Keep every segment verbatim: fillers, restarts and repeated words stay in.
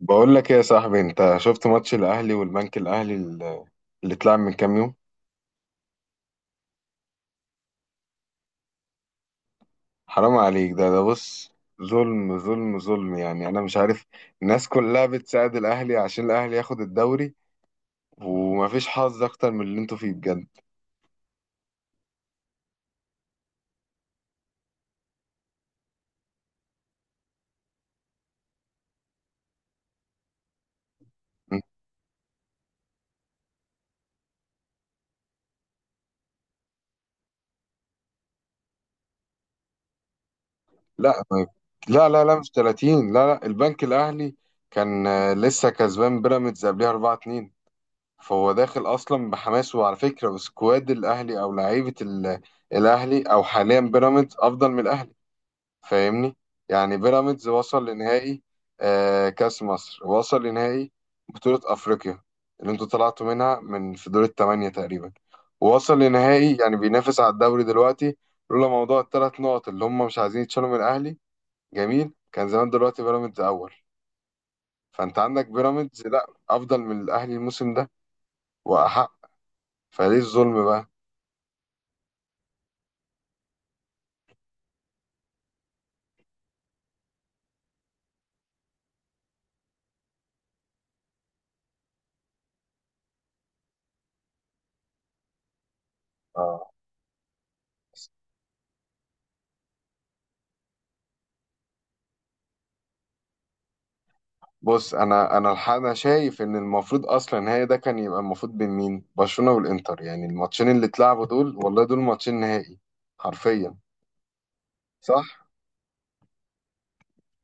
بقول لك ايه يا صاحبي، انت شفت ماتش الاهلي والبنك الاهلي اللي اللي اتلعب من كام يوم؟ حرام عليك. ده ده بص، ظلم ظلم ظلم. يعني انا مش عارف، الناس كلها بتساعد الاهلي عشان الاهلي ياخد الدوري. ومفيش حظ اكتر من اللي انتوا فيه بجد. لا، لا لا لا، مش ثلاثين، لا لا. البنك الاهلي كان، آه، لسه كسبان بيراميدز قبلها اربعه اتنين، فهو داخل اصلا بحماس. وعلى فكره، سكواد الاهلي او لعيبه ال- الاهلي، او حاليا بيراميدز، افضل من الاهلي. فاهمني؟ يعني بيراميدز وصل لنهائي آه، كأس مصر، وصل لنهائي بطولة أفريقيا اللي انتوا طلعتوا منها من في دور الثمانية تقريبا، ووصل لنهائي. يعني بينافس على الدوري دلوقتي، لولا موضوع الثلاث نقط اللي هم مش عايزين يتشالوا من الأهلي. جميل، كان زمان دلوقتي بيراميدز أول. فأنت عندك بيراميدز لا أفضل من الأهلي الموسم ده، وأحق. فليه الظلم بقى؟ آه. بص، انا انا الحق، انا شايف ان المفروض اصلا هي ده كان يبقى المفروض بين مين؟ برشلونة والانتر. يعني الماتشين اللي اتلعبوا دول، والله دول ماتشين نهائي حرفيا. صح.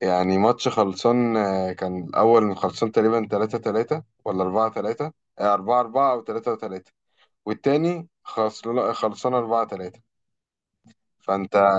يعني ماتش خلصان، آه، كان الاول خلصان تقريبا تلاته تلاته ولا اربعه تلاته، اربعه اربعه او تلاته تلاته، والتاني خلصان خلصان اربعه تلاته. فانت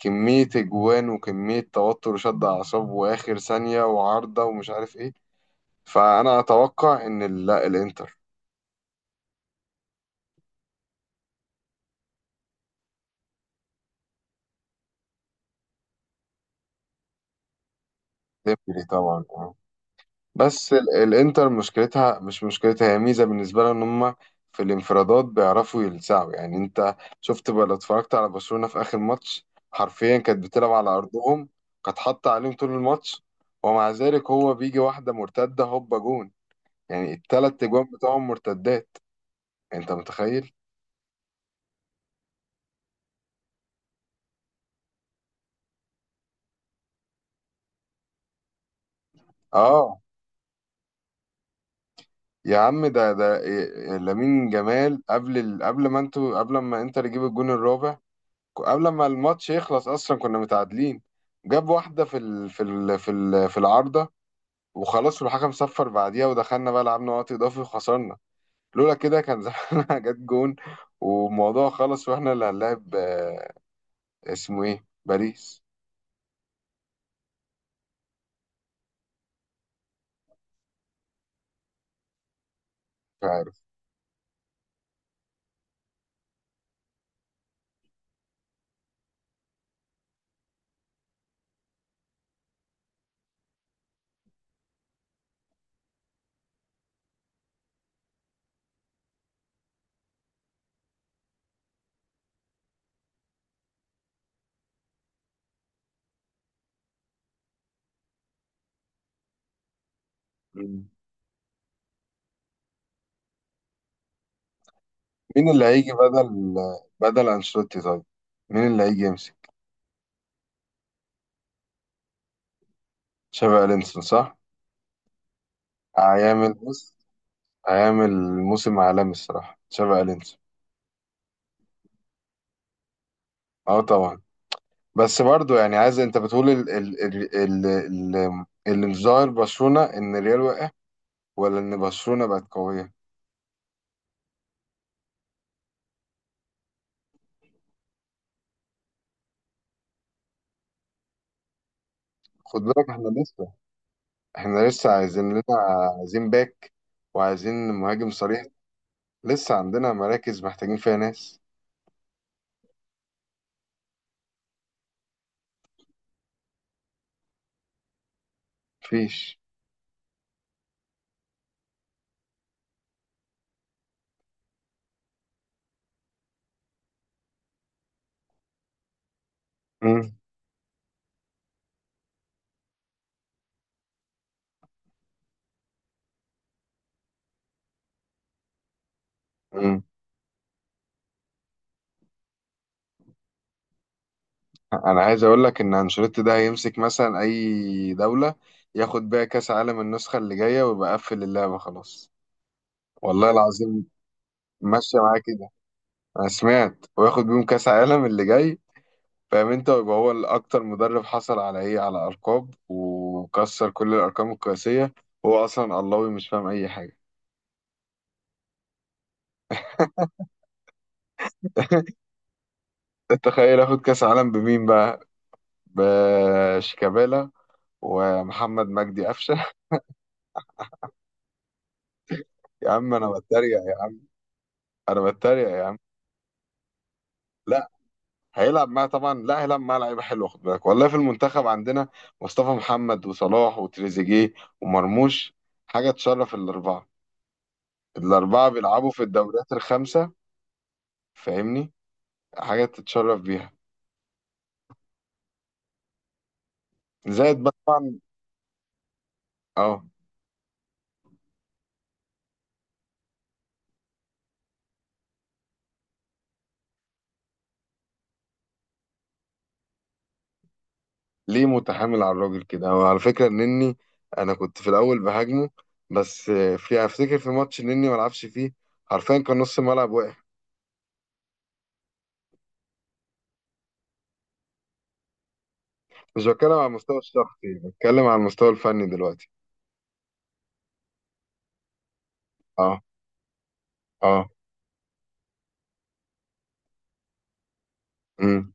كمية اجوان وكمية توتر وشد اعصاب واخر ثانية وعارضة ومش عارف ايه. فانا اتوقع ان ال- لا الانتر. ديمبلي طبعا، اه. بس ال- الانتر مشكلتها، مش مشكلتها، هي ميزه بالنسبه لها، ان هم في الانفرادات بيعرفوا يلسعوا. يعني انت شفت بقى لو اتفرجت على برشلونه في اخر ماتش، حرفيا كانت بتلعب على ارضهم، كانت حاطه عليهم طول الماتش، ومع ذلك هو بيجي واحده مرتده هوبا جون. يعني التلات اجوان بتوعهم مرتدات. انت متخيل؟ اه. يا عم ده ده إيه- لامين جمال قبل ال... قبل ما انتوا، قبل ما انتر يجيب الجون الرابع، قبل ما الماتش يخلص اصلا كنا متعادلين. جاب واحده في ال... في ال... في ال... في العارضه، وخلاص والحكم صفر بعديها. ودخلنا بقى لعبنا وقت اضافي وخسرنا. لولا كده كان زمانها جت جون والموضوع خلص واحنا اللي هنلاعب، آه، اسمه ايه، باريس. مش عارف. مين مين اللي هيجي بدل بدل انشيلوتي طيب؟ مين اللي هيجي يمسك؟ تشابي الونسو، صح. هيعمل بص، هيعمل موسم عالمي الصراحه تشابي الونسو. اه طبعا. بس برضو، يعني عايز، انت بتقول ال ال ال ال ال اللي مش ظاهر، برشلونة، ان الريال وقع ولا ان برشلونة بقت قوية؟ خد بالك، احنا لسه احنا لسه عايزين لنا، عايزين باك، وعايزين مهاجم صريح. لسه عندنا مراكز محتاجين فيها ناس. مفيش. مم. مم. انا عايز اقول لك ان انشيلوتي ده هيمسك مثلا اي دولة، ياخد بيها كاس عالم النسخة اللي جاية ويبقى قفل اللعبة خلاص. والله العظيم ماشية معاه كده، انا سمعت. وياخد بيهم كاس عالم اللي جاي، فاهم انت، ويبقى هو الاكتر مدرب حصل على ايه، على ارقام، وكسر كل الارقام القياسيه. هو اصلا الله، مش فاهم اي حاجه. تخيل اخد كاس عالم بمين بقى؟ بشيكابالا ومحمد مجدي قفشه. يا عم انا بتريق يا عم، انا بتريق يا عم. لا، هيلعب معاه طبعا. لا، هيلعب معاه لعيبه حلوه، خد بالك. والله في المنتخب عندنا مصطفى محمد وصلاح وتريزيجيه ومرموش. حاجه تشرف. الاربعه، الاربعه بيلعبوا في الدوريات الخمسه، فاهمني، حاجه تتشرف بيها. زائد بقى طبعا. اه. ليه متحامل على الراجل كده؟ وعلى فكره نني، انا كنت في الاول بهاجمه، بس في، افتكر في ماتش نني ما لعبش فيه، حرفيا كان نص الملعب واقع. مش بتكلم على المستوى الشخصي، بتكلم على المستوى الفني دلوقتي. اه. اه. امم.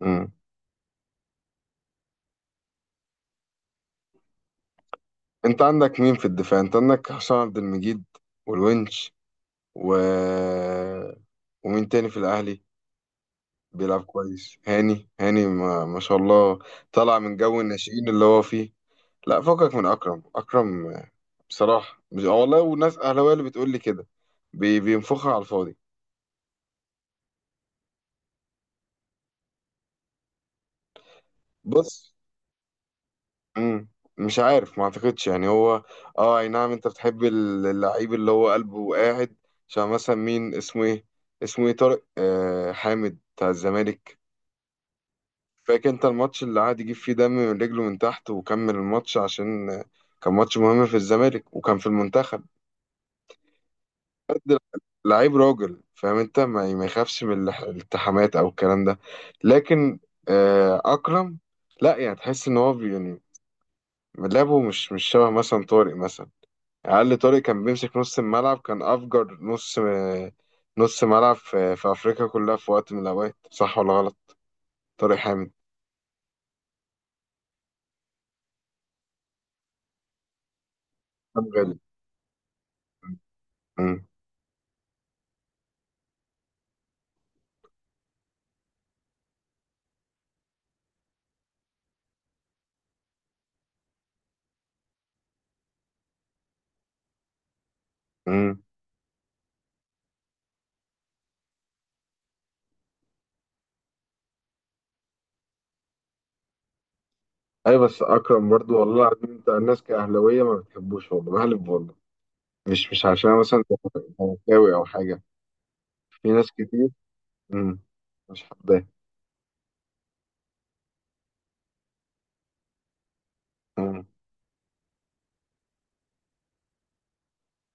امم. انت عندك مين في الدفاع؟ انت عندك حسام عبد المجيد والونش، و، ومين تاني في الاهلي بيلعب كويس؟ هاني. هاني ما, ما شاء الله، طلع من جو الناشئين اللي هو فيه. لا، فكك من اكرم. اكرم بصراحه مش، آه والله وناس اهلاويه اللي بتقول لي كده، بي- بينفخها على الفاضي. بص. مم. مش عارف، ما اعتقدش. يعني هو، اه اي نعم، انت بتحب اللعيب اللي هو قلبه قاعد. عشان مثلا مين، اسمه ايه، اسمه ايه، طارق آه حامد بتاع الزمالك. فاكر انت الماتش اللي قعد يجيب فيه دم من رجله من تحت وكمل الماتش؟ عشان كان ماتش مهم في الزمالك وكان في المنتخب. لعيب راجل، فاهم انت، ما ما يخافش من الح- الالتحامات او الكلام ده. لكن، آه، اكرم، لا يعني تحس ان هو، بي- يعني لعبه مش، مش شبه مثلا طارق مثلا، اقل. طارق كان بيمسك نص الملعب، كان افجر نص، آه، نص ملعب في, في افريقيا كلها في وقت من الاوقات. صح ولا غلط؟ طارق حامد. طب غالي. مم. مم. ايوه، بس اكرم برضو، والله العظيم انت الناس كاهلاويه ما بتحبوش. والله بحلف والله، مش مش عشان أنا مثلا زملكاوي او حاجه، في ناس كتير. امم. مش حباه. امم.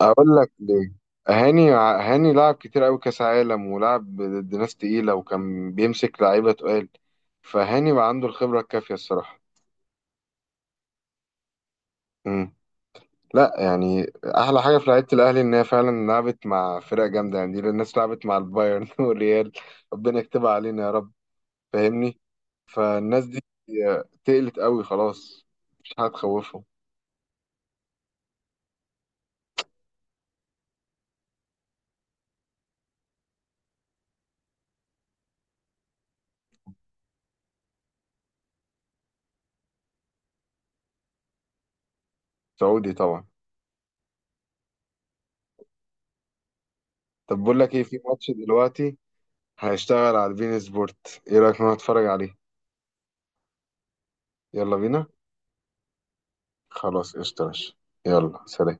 اقول لك ليه؟ هاني، هاني لعب كتير قوي كاس عالم، ولعب ضد ناس تقيله، وكان بيمسك لعيبه تقال. فهاني بقى عنده الخبره الكافيه الصراحه. امم. لا يعني احلى حاجه في لعيبه الاهلي، ان هي فعلا لعبت مع فرق جامده. يعني دي الناس لعبت مع البايرن والريال. ربنا يكتبها علينا يا رب، فاهمني. فالناس دي تقلت قوي خلاص، مش هتخوفهم. سعودي طبعا. طب بقول لك ايه، في ماتش دلوقتي هيشتغل على البين سبورت، ايه رأيك نروح نتفرج عليه؟ يلا بينا. خلاص قشطة يا باشا. يلا سلام.